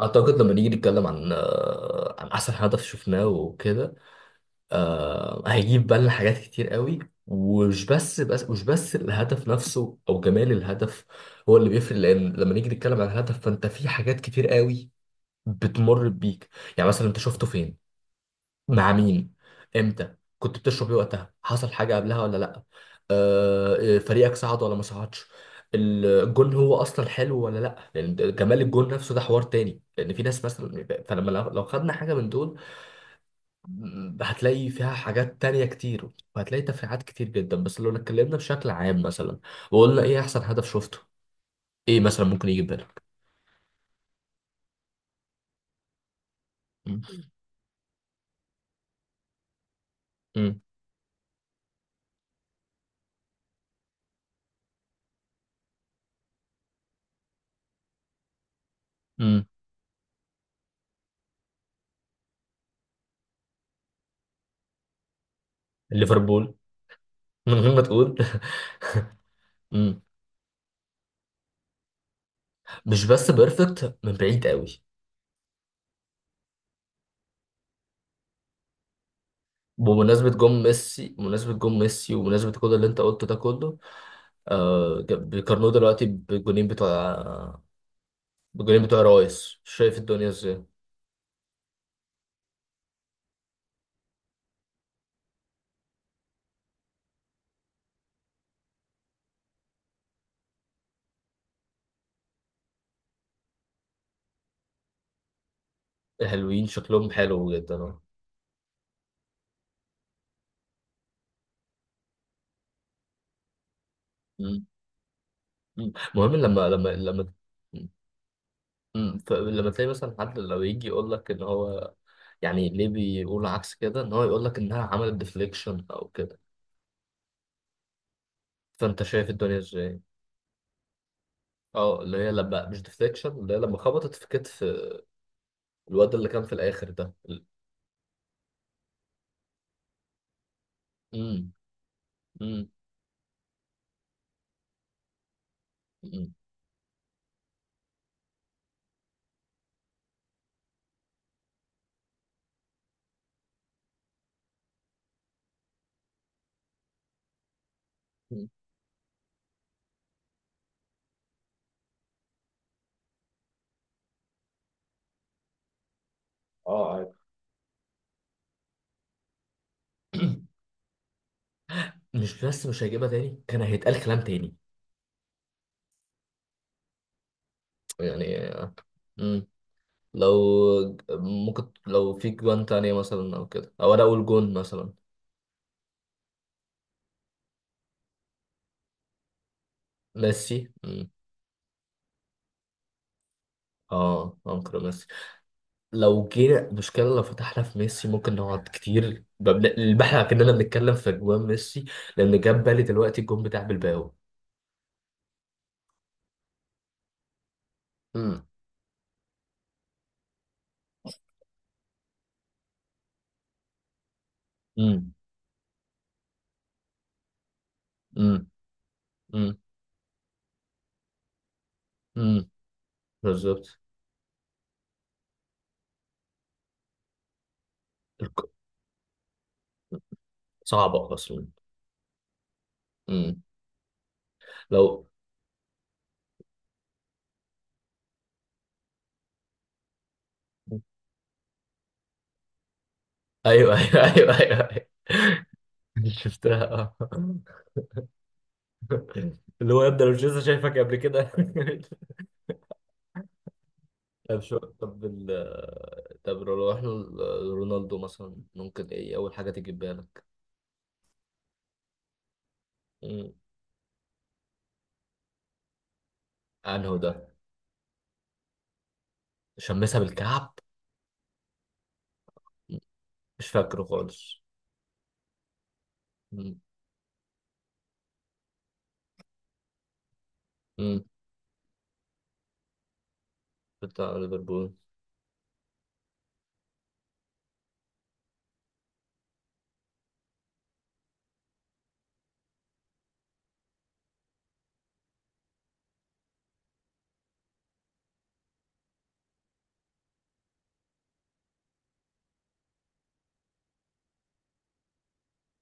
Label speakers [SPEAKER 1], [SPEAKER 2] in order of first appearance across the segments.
[SPEAKER 1] اعتقد لما نيجي نتكلم عن احسن هدف شفناه وكده. هيجيب بالنا حاجات كتير قوي. ومش بس بس مش بس الهدف نفسه او جمال الهدف هو اللي بيفرق، لان لما نيجي نتكلم عن الهدف، فانت في حاجات كتير قوي بتمر بيك. يعني مثلا، انت شفته فين، مع مين، امتى، كنت بتشرب ايه وقتها، حصل حاجه قبلها ولا لا، فريقك صعد ولا ما صعدش. الجون هو اصلا حلو ولا لا، لان جمال الجون نفسه ده حوار تاني. لان في ناس مثلا، فلما لو خدنا حاجه من دول هتلاقي فيها حاجات تانية كتير، وهتلاقي تفريعات كتير جدا. بس لو اتكلمنا بشكل عام مثلا، وقلنا ايه احسن هدف شفته، ايه مثلا ممكن يجي في بالك؟ م- م- م. ليفربول. من غير ما تقول م. مش بس بيرفكت من بعيد قوي. بمناسبة جون ميسي، ومناسبة كل اللي انت قلته ده كله، بيقارنوه دلوقتي بالجونين بتوع، بالجونين بتوع رايس. شايف الدنيا ازاي؟ حلوين، شكلهم حلو جدا اه. مم. مهم لما لما لما تلاقي مثلا حد لو يجي يقول لك ان هو، يعني ليه بيقول عكس كده، ان هو يقول لك انها عملت ديفليكشن او كده. فانت شايف الدنيا ازاي؟ اه، اللي هي لما مش ديفليكشن، اللي هي لما خبطت في كتف الواد اللي كان في الاخر ده. مم. مم. مم. اه عارف. مش بس مش هيجيبها تاني، كان هيتقال كلام تاني يعني. مم. لو ممكن لو في جوان تانية مثلا او كده، او انا اقول جون مثلا، ميسي. اه انكر ميسي. لو جينا مشكلة، لو فتحنا في ميسي ممكن نقعد كتير البحر، كأننا بنتكلم في جوان ميسي. لأن جاب بالي دلوقتي الجون بتاع بلباو. مم. مم. مم. مم. مم. بالظبط. الك- صعبة أصلا. مم. لو ايوه ايوه ايوه ايوه، أيوة. شفتها اه. اللي هو يبدأ لو جيسا شايفك قبل كده. طب شو طب ال طب لو احنا، رونالدو مثلا ممكن ايه اول حاجة تيجي في بالك؟ مم. انهو ده؟ شمسها بالكعب؟ مم. مش فاكره خالص. مم. مم. بتاع ليفربول.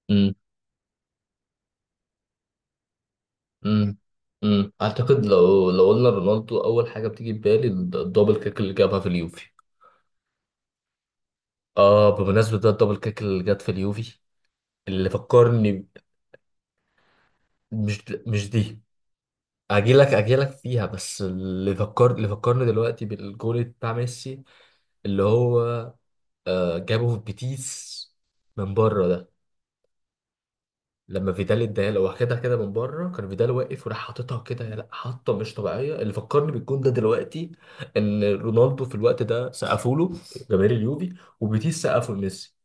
[SPEAKER 1] مم. مم. اعتقد لو قلنا رونالدو اول حاجة بتيجي في بالي، الدبل كيك اللي جابها في اليوفي. اه، بمناسبة ده الدبل كيك اللي جت في اليوفي، اللي فكرني، مش دي. اجيلك فيها، بس اللي فكرني دلوقتي بالجول بتاع ميسي، اللي هو جابه في بيتيس، من بره ده. لما فيدال اداها له، واخدها كده من بره، كان فيدال واقف وراح حاططها كده يا لا، حاطه مش طبيعيه. اللي فكرني بالجول ده دلوقتي ان رونالدو في الوقت ده سقفوا له جماهير اليوفي، وبيتيس سقفوا لميسي.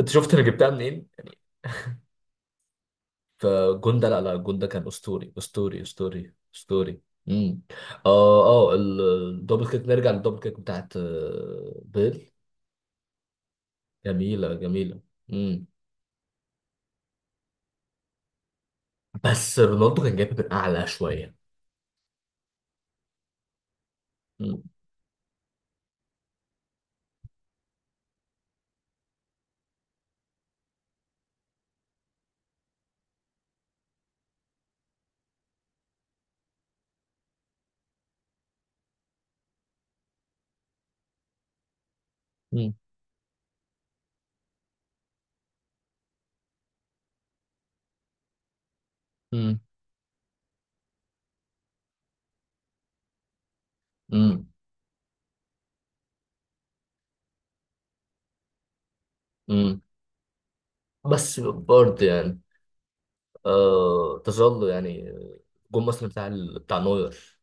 [SPEAKER 1] انت شفت انا جبتها منين؟ فجون ده، لا لا، جون ده كان اسطوري، اسطوري، اسطوري، اسطوري. امم. اه اه الدبل كيك، نرجع للدبل كيك بتاعت بيل. جميله، جميله. امم. بس رونالدو كان جايبها من اعلى شويه. امم. امم. امم. امم. أمم. بس برضه يعني، تظل يعني الجون مثلا بتاع بتاع نوير،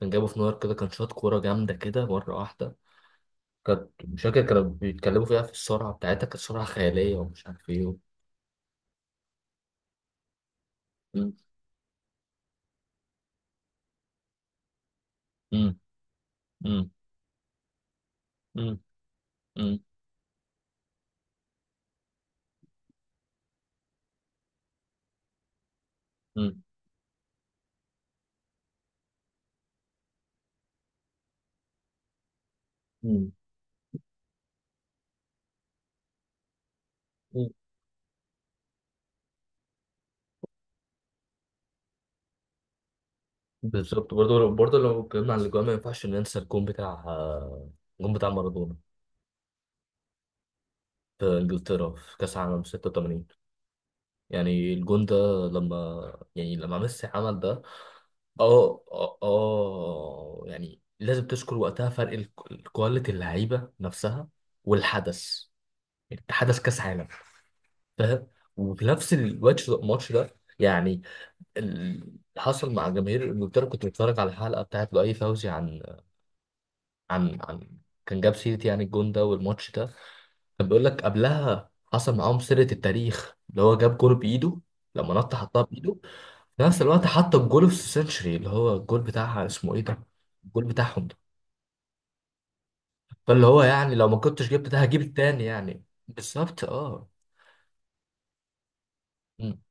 [SPEAKER 1] كان جابه في نوير كده، كان شاط كوره جامده كده مره واحده، كانت مش فاكر كانوا بيتكلموا فيها في السرعه بتاعتها، كانت سرعه خياليه ومش عارف ايه. مم. مم. مم. مم. مم. مم. مم. بالظبط. برضه لو اتكلمنا عن الاجوان ما ينفعش ننسى الجون بتاع، الجون بتاع مارادونا في انجلترا، في كاس العالم 86. يعني الجون ده، لما، يعني لما ميسي عمل ده، اه اه، يعني لازم تذكر وقتها فرق الكواليتي، اللعيبه نفسها والحدث. يعني حدث كاس عالم، فاهم؟ وفي نفس الوقت الماتش ده يعني، اللي حصل مع جماهير انجلترا. كنت بتفرج على الحلقه بتاعت لؤي فوزي عن عن، كان جاب سيرة يعني الجون ده والماتش ده. كان بيقول لك قبلها حصل معاهم سيرة التاريخ، اللي هو جاب جول بايده، لما نط حطها بايده. في نفس الوقت حط الجول في السنشري، اللي هو الجول بتاعها اسمه ايه ده، الجول بتاعهم ده. فاللي هو يعني لو ما كنتش جبت ده هجيب التاني يعني، بالظبط اه. امم،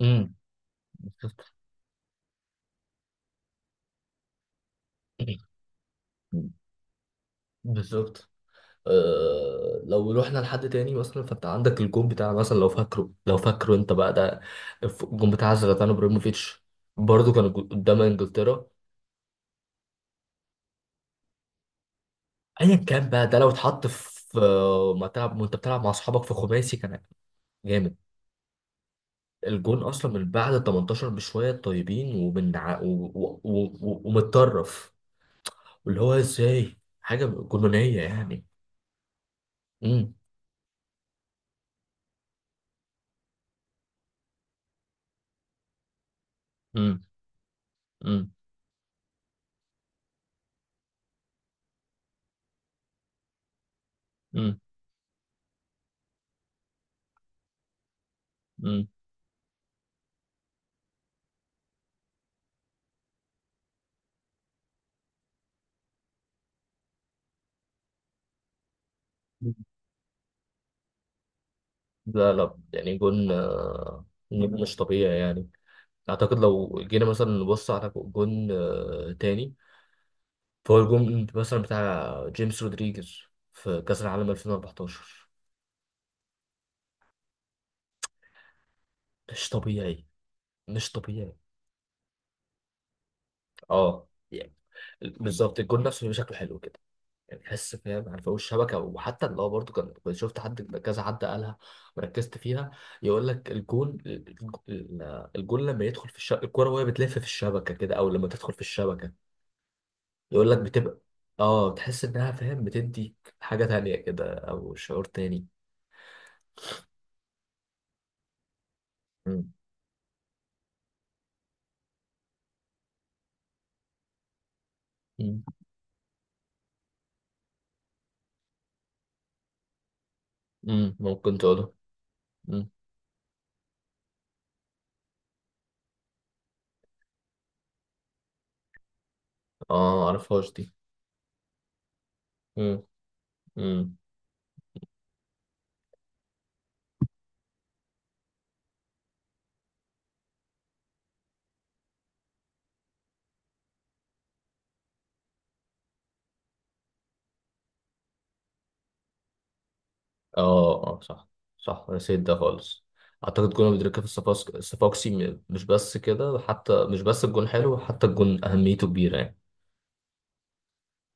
[SPEAKER 1] امم، بالظبط. مم. بالظبط. لو روحنا لحد تاني مثلا، فانت عندك الجون بتاع مثلا، لو فاكره، انت بقى ده، الجون بتاع زلاتان ابراهيموفيتش. برضه كان قدام انجلترا. ايا كان بقى ده، لو اتحط في ما تلعب، وانت بتلعب مع اصحابك في خماسي، كان جامد. الجون اصلا من بعد ال 18 بشويه طيبين، ومن ع- و- و- و- و- ومتطرف. واللي هو ازاي، حاجه جنونيه يعني. امم. امم. امم. امم. لا لا يعني جون، جون مش طبيعي يعني. اعتقد لو جينا مثلا نبص على جون تاني. فهو الجون مثلا بتاع جيمس رودريجيز في كأس العالم 2014. مش طبيعي، مش طبيعي. اه يعني، بالظبط، الجون نفسه بيبقى شكله حلو كده يعني. تحس، فاهم، عارف، فوق الشبكه. وحتى اللي هو برضه، كنت شفت حد، كذا حد قالها وركزت فيها. يقول لك الجون لما يدخل في الشبكه، الكوره وهي بتلف في الشبكه كده، او لما تدخل في الشبكه يقول لك بتبقى، اه، تحس انها، فاهم، بتدي حاجة تانية كده، او شعور تاني. مم. مم. ممكن تقوله. مم. اه معرفهاش دي. مم. مم. اه اه صح، صح نسيت ده خالص. اعتقد كنا بندركها في الصفاقسي، مش بس كده، حتى مش بس الجون حلو، حتى الجون اهميته كبيرة يعني.